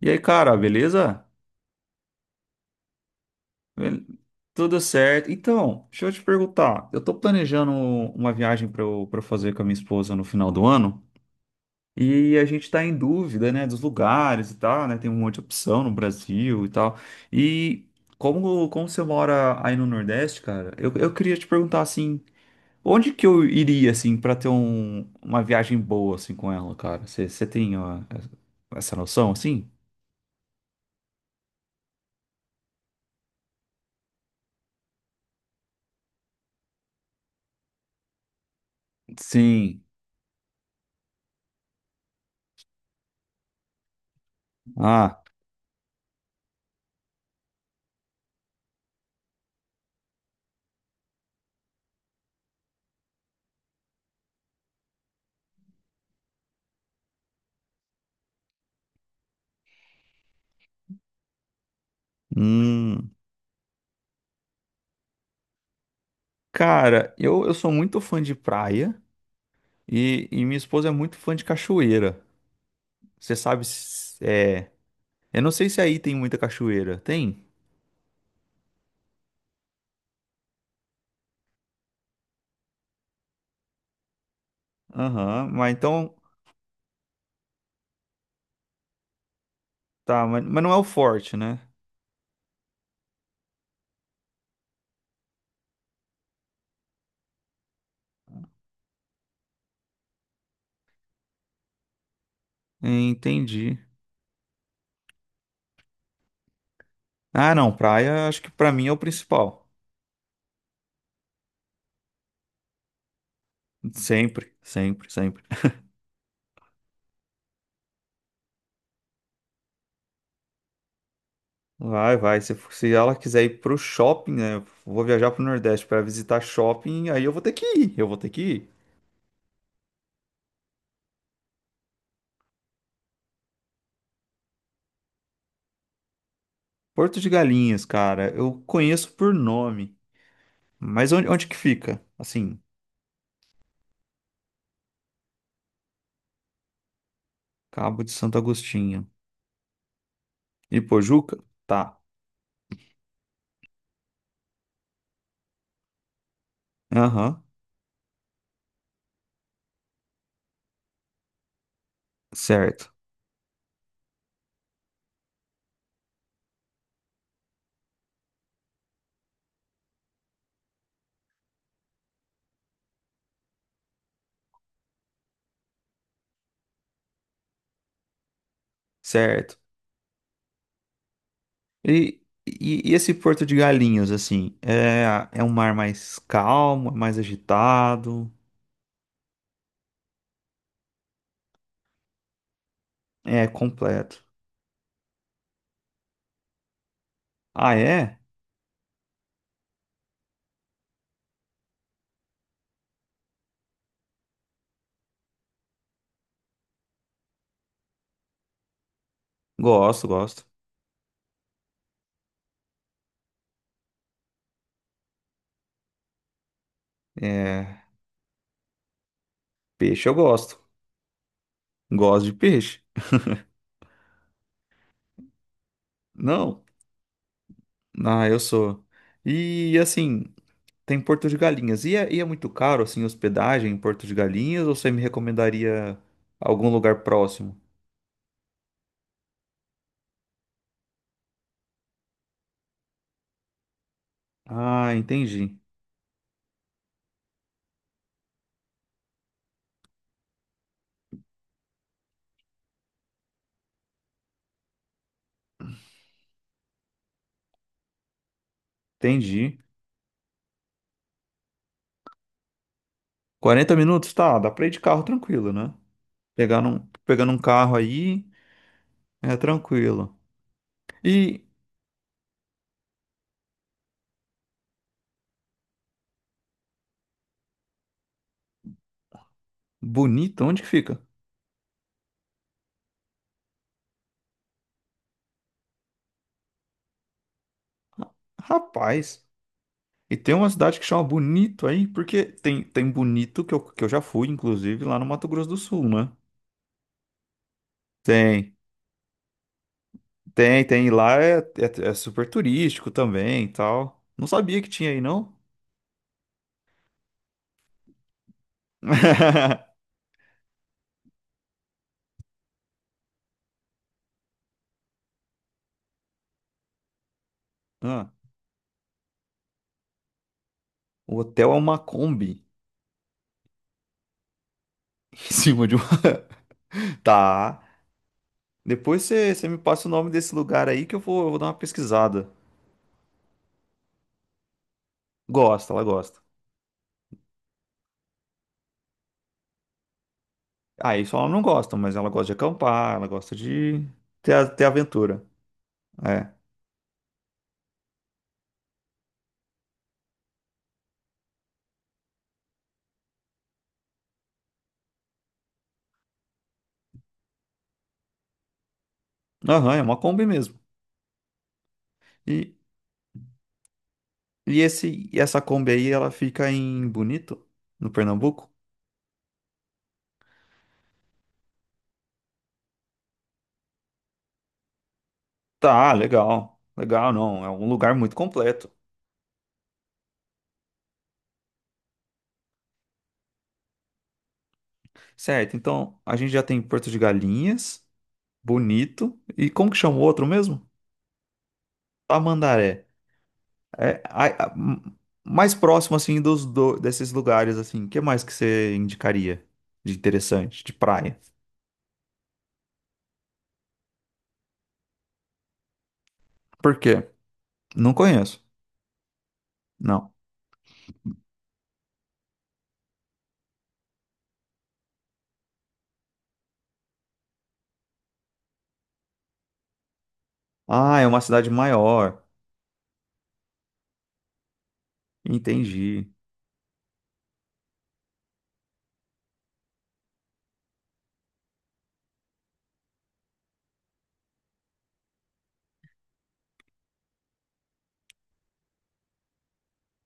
E aí, cara, beleza? Bel- Tudo certo. Então, deixa eu te perguntar. Eu tô planejando uma viagem para fazer com a minha esposa no final do ano. E a gente tá em dúvida, né, dos lugares e tal, né? Tem um monte de opção no Brasil e tal. E como você mora aí no Nordeste, cara, eu queria te perguntar assim, onde que eu iria assim para ter uma viagem boa assim com ela, cara? Você tem ó, essa noção assim? Sim. Ah. Hum. Cara, eu sou muito fã de praia e minha esposa é muito fã de cachoeira. Você sabe, é, eu não sei se aí tem muita cachoeira. Tem? Aham, mas então, tá, mas não é o forte, né? Entendi. Ah, não, praia acho que pra mim é o principal. Sempre, sempre, sempre. Vai, vai. Se ela quiser ir pro shopping, né? Vou viajar pro Nordeste pra visitar shopping, aí eu vou ter que ir, eu vou ter que ir. Porto de Galinhas, cara, eu conheço por nome. Mas onde que fica? Assim, Cabo de Santo Agostinho. Ipojuca? Tá. Aham. Certo. Certo. E, e esse Porto de Galinhos, assim, é um mar mais calmo, é mais agitado? É completo. Ah, é? Gosto, gosto. É, peixe eu gosto. Gosto de peixe? Não. Ah, eu sou. E assim. Tem Porto de Galinhas. E é muito caro, assim, hospedagem em Porto de Galinhas? Ou você me recomendaria algum lugar próximo? Ah, entendi. Entendi. 40 minutos? Tá, dá pra ir de carro tranquilo, né? Pegando um carro aí é tranquilo. E Bonito, onde que fica? Rapaz. E tem uma cidade que chama Bonito aí, porque tem, tem Bonito, que que eu já fui, inclusive, lá no Mato Grosso do Sul, né? Tem. Tem, tem. E lá é, é super turístico também e tal. Não sabia que tinha aí, não? Ah, o hotel é uma Kombi em cima de um. Tá. Depois você me passa o nome desse lugar aí que eu vou dar uma pesquisada. Gosta, ela gosta. Ah, isso ela não gosta, mas ela gosta de acampar, ela gosta de ter, ter aventura. É. Aham, é uma Kombi mesmo. E, e essa Kombi aí, ela fica em Bonito, no Pernambuco? Tá, legal. Legal, não. É um lugar muito completo. Certo, então a gente já tem Porto de Galinhas, Bonito, e como que chama o outro mesmo? Tamandaré. É, mais próximo, assim, desses lugares, assim, o que mais que você indicaria de interessante, de praia? Por quê? Não conheço, não. Ah, é uma cidade maior, entendi.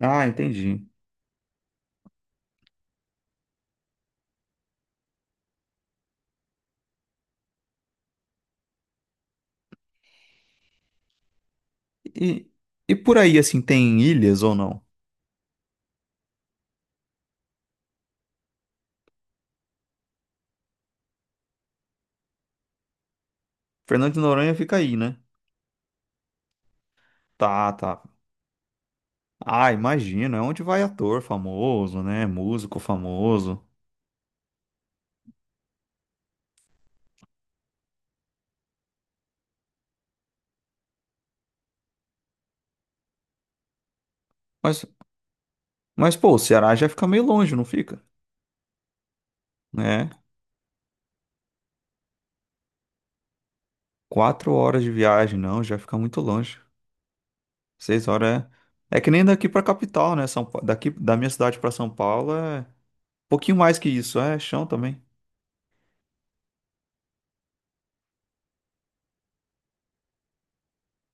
Ah, entendi. E, e por aí, assim, tem ilhas ou não? Fernando de Noronha fica aí, né? Tá, tá. Ah, imagino, é onde vai ator famoso, né? Músico famoso. Mas, mas pô, o Ceará já fica meio longe, não fica? Né? Quatro horas de viagem, não, já fica muito longe. Seis horas é. É que nem daqui pra capital, né? Daqui da minha cidade pra São Paulo é um pouquinho mais que isso, é chão também.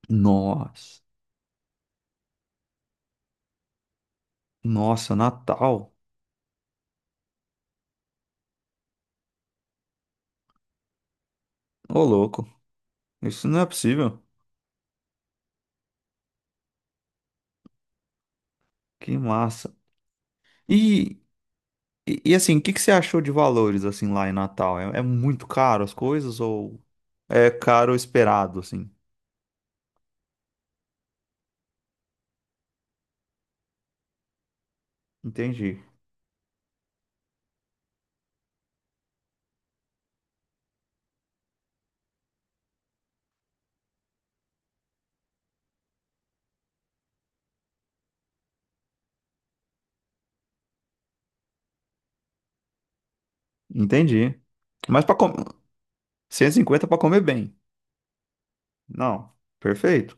Nossa, nossa, Natal. Ô, louco, isso não é possível. Que massa. E assim, o que que você achou de valores assim lá em Natal? É muito caro as coisas ou é caro esperado assim? Entendi. Entendi. Mas para comer 150 para comer bem. Não, perfeito.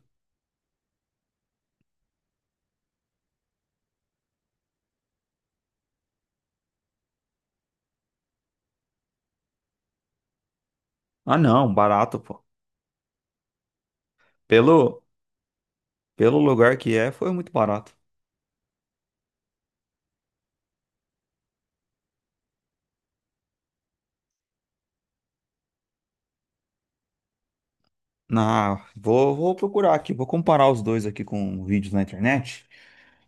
Ah, não, barato, pô. Pelo pelo lugar que é, foi muito barato. Ah, vou procurar aqui, vou comparar os dois aqui com vídeos na internet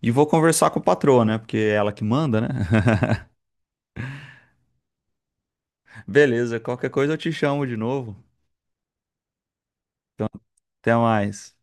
e vou conversar com a patroa, né? Porque é ela que manda, né? Beleza, qualquer coisa eu te chamo de novo. Então, até mais.